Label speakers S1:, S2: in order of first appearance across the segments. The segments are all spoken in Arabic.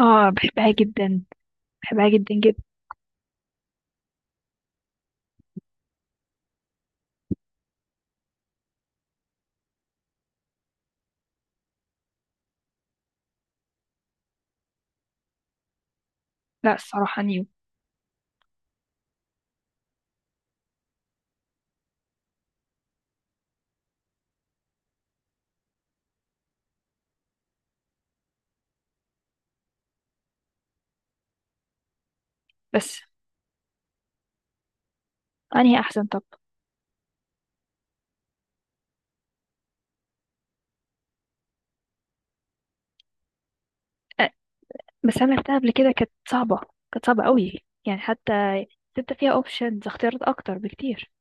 S1: اه، بحبها جدا. بحبها جدا جدا. لا الصراحة نيو. بس انهي احسن طب؟ آه، بس انا لعبتها قبل كده كانت صعبة. كانت صعبة قوي. يعني حتى انت فيها اوبشنز اختيارات اكتر بكتير.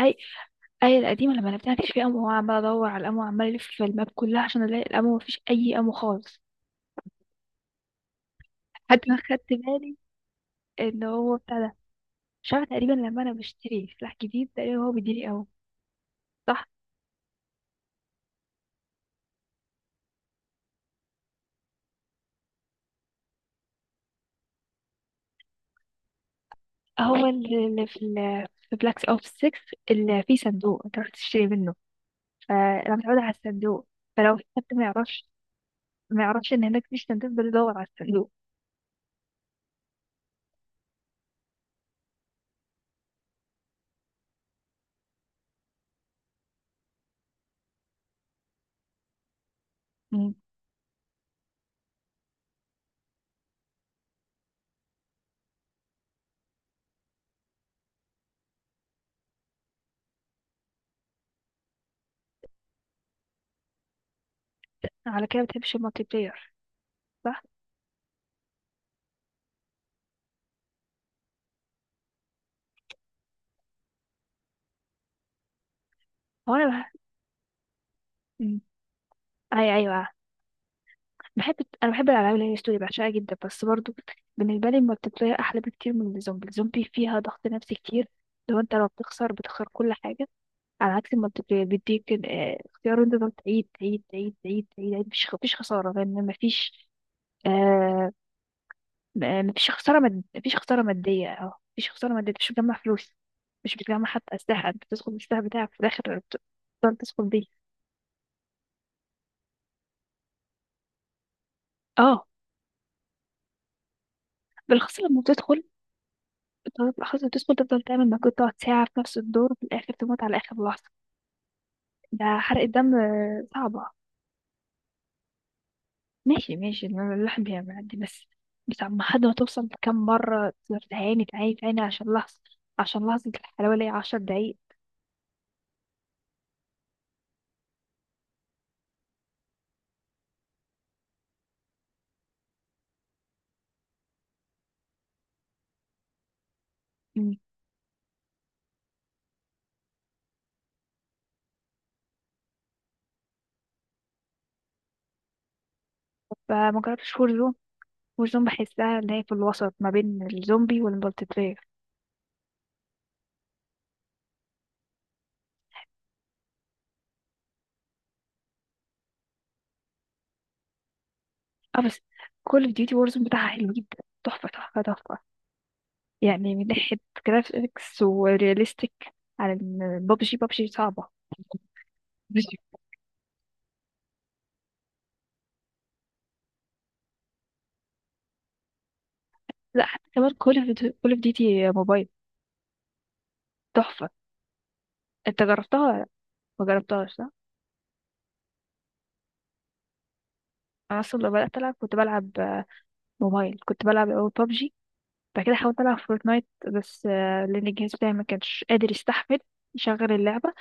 S1: اي، اي القديمة لما لعبتها مفيش فيها امو، وعمال ادور على الامو وعمال الف في الماب كلها عشان الاقي الامو، مفيش اي امو خالص. حتى ما خدت بالي ان هو بتاع ده. مش عارفة، تقريبا لما انا بشتري سلاح جديد تقريبا هو بيديني امو. صح. هو اللي في بلاك اوبس 6 اللي فيه صندوق انت رحت تشتري منه، فانا متعوده على الصندوق. فلو في حد ما يعرفش، ما يعرفش ان هناك في صندوق، بدور على الصندوق. مم. على كده ما بتحبش المالتي بلاير؟ صح. هو انا بح... مم. اي، ايوه، بحب. انا بحب الالعاب اللي هي ستوري، بعشقها جدا. بس برضو بالنسبه لي المالتي بلاير احلى بكتير من الزومبي. الزومبي فيها ضغط نفسي كتير. لو بتخسر، بتخسر كل حاجه. على عكس المالتي بلاير بيديك اختيار انت تقعد تعيد تعيد تعيد تعيد تعيد تعيد. مفيش خساره لان مفيش. آه، مفيش خسارة مادية. اه، مفيش خسارة مادية. مش بتجمع فلوس. مش بتجمع حتى أسلحة، انت بتدخل بالسلاح بتاعك في الآخر بتفضل تدخل بيه. اه، بالأخص لما بتدخل بالأخص لما بتدخل تفضل تعمل مجهود، تقعد ساعة في نفس الدور، في الآخر تموت على آخر لحظة. ده حرقة دم صعبة. ماشي ماشي، إن الواحد بيعمل عندي بس عم حد ما توصل، كم مرة تقدر تعاني تعاني تعاني عشان لحظة الحلاوة اللي هي عشر دقايق. مم. فما جربتش وورزون. بحسها ان هي في الوسط ما بين الزومبي والمالتي بلاير. اه، بس كول اوف ديوتي وورزون بتاعها حلو جدا. تحفة تحفة تحفة. يعني من ناحية جرافيكس ورياليستيك، على بابجي. بابجي صعبة. ببجي. لا، حتى كمان كول اوف ديوتي موبايل تحفة. انت جربتها ولا ما جربتهاش، صح؟ انا اصلا لما بدأت العب كنت بلعب موبايل، كنت بلعب اول بابجي، بعد كده حاولت العب فورتنايت. بس لان الجهاز بتاعي ما كانش قادر يستحمل يشغل اللعبة،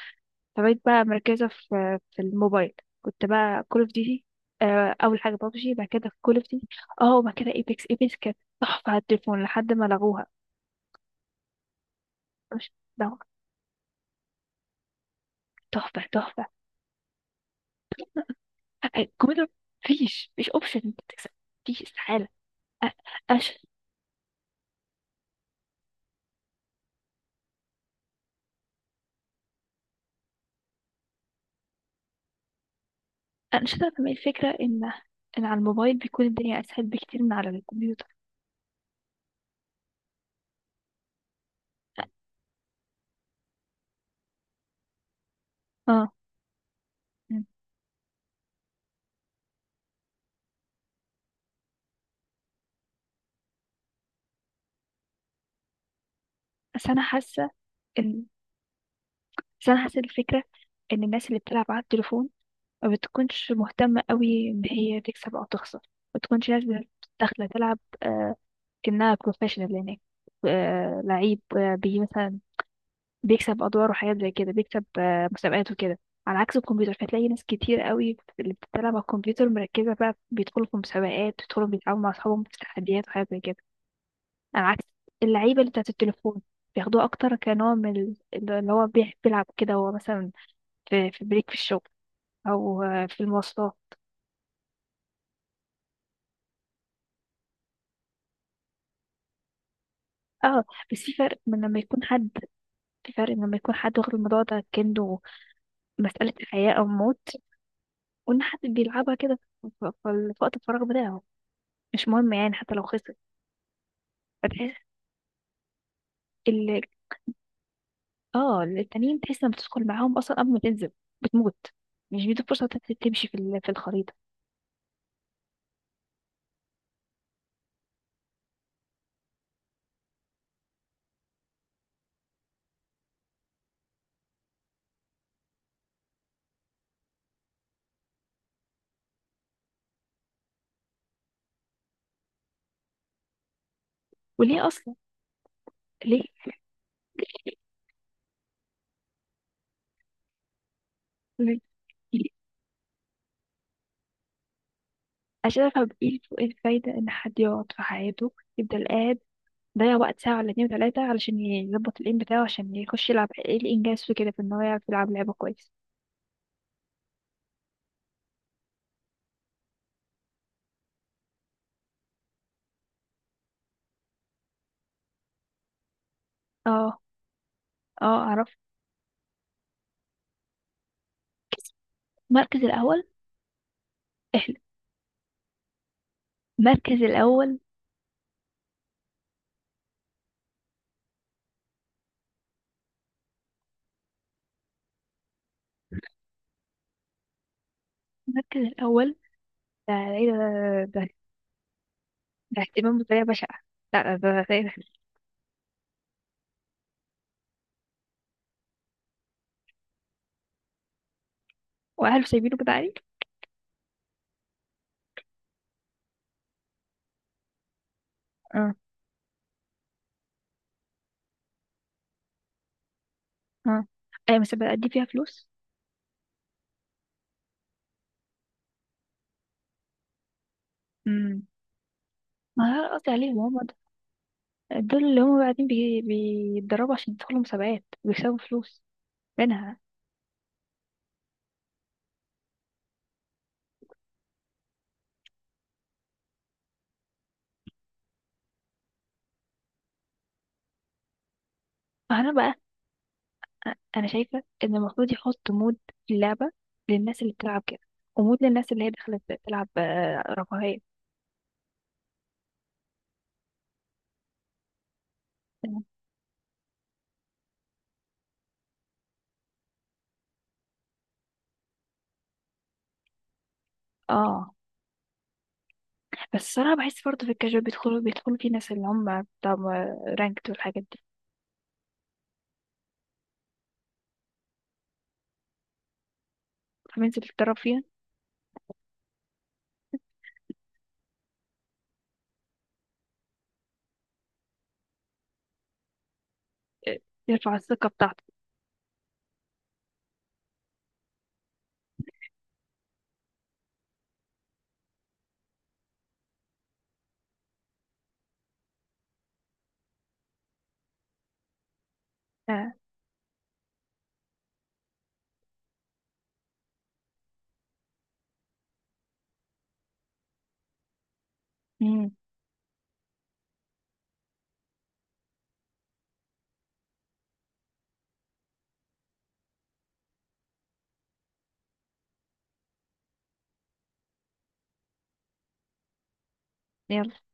S1: فبقيت بقى مركزة في الموبايل. كنت بقى كول اوف ديوتي، اول حاجة بابجي بعد كده كول اوف ديوتي. اه، وبعد كده ايبكس. ايبكس كانت تحفة على التليفون لحد ما لغوها. مش ده، تحفة تحفة. الكمبيوتر مفيش اوبشن انت تكسب. مفيش، استحالة. آه، انا ش- أنا مش قادرة أفهم إيه الفكرة ان على الموبايل بيكون الدنيا اسهل بكتير من على الكمبيوتر. اه. آه، مم. بس انا حاسة ان بس انا حاسة الفكرة ان الناس اللي بتلعب على التليفون ما بتكونش مهتمة قوي ان هي تكسب او تخسر. ما بتكونش ناس داخلة تلعب كأنها بروفيشنال هناك. لعيب آه بي مثلا بيكسب ادوار وحاجات زي كده، بيكسب مسابقات وكده. على عكس الكمبيوتر، فتلاقي ناس كتير قوي اللي بتلعب على الكمبيوتر مركزة بقى، بيدخلوا في مسابقات، بيدخلوا بيتعاونوا مع اصحابهم في تحديات وحاجات زي كده. على عكس اللعيبة اللي بتاعت التليفون، بياخدوها اكتر كنوع من اللي هو بيحب يلعب كده، هو مثلا في بريك في الشغل، او في المواصلات. اه. بس في فرق من لما يكون حد، في فرق من لما يكون حد واخد الموضوع ده كأنه مسألة حياة أو موت، وإن حد بيلعبها كده ف- ف- في وقت الفراغ بتاعه مش مهم، يعني حتى لو خسر. فتحس ال اه التانيين، تحس لما بتدخل معاهم أصلا، قبل ما تنزل بتموت، مش بيدوا فرصة تمشي في الخريطة. وليه أصلا؟ ليه؟ ليه؟ عشان أفهم إيه الفايدة إن حد يقعد في حياته، يفضل قاعد ضيع وقت ساعة ولا اتنين وتلاتة علشان يظبط الإيم بتاعه عشان يخش يلعب. ايه الإنجاز في كده، في إن هو يعرف يلعب لعبة كويس؟ اه. اه، أعرف. المركز الأول. احلى. المركز الأول. المركز الأول، ده ايه ده؟ ده, ده, ده اهتمام بطريقة بشعة. لا، ده. وأهله سايبينه كده عليه. اه. اه، أيوة، بس بأدي فيها فلوس. امم. ما أنا قصدي عليهم هم. دول اللي هم بعدين بيتدربوا عشان يدخلوا مسابقات ويكسبوا فلوس منها. أنا بقى انا شايفه ان المفروض يحط مود في اللعبه للناس اللي بتلعب كده، ومود للناس اللي هي دخلت تلعب رفاهيه. اه، بس الصراحه بحس برضه في الكاجوال بيدخلوا في ناس اللي هم بتاع رانكت والحاجات دي، فبينزل يتدرب فيها. آه، يرفع الثقه بتاعته. آه. امم. يلا.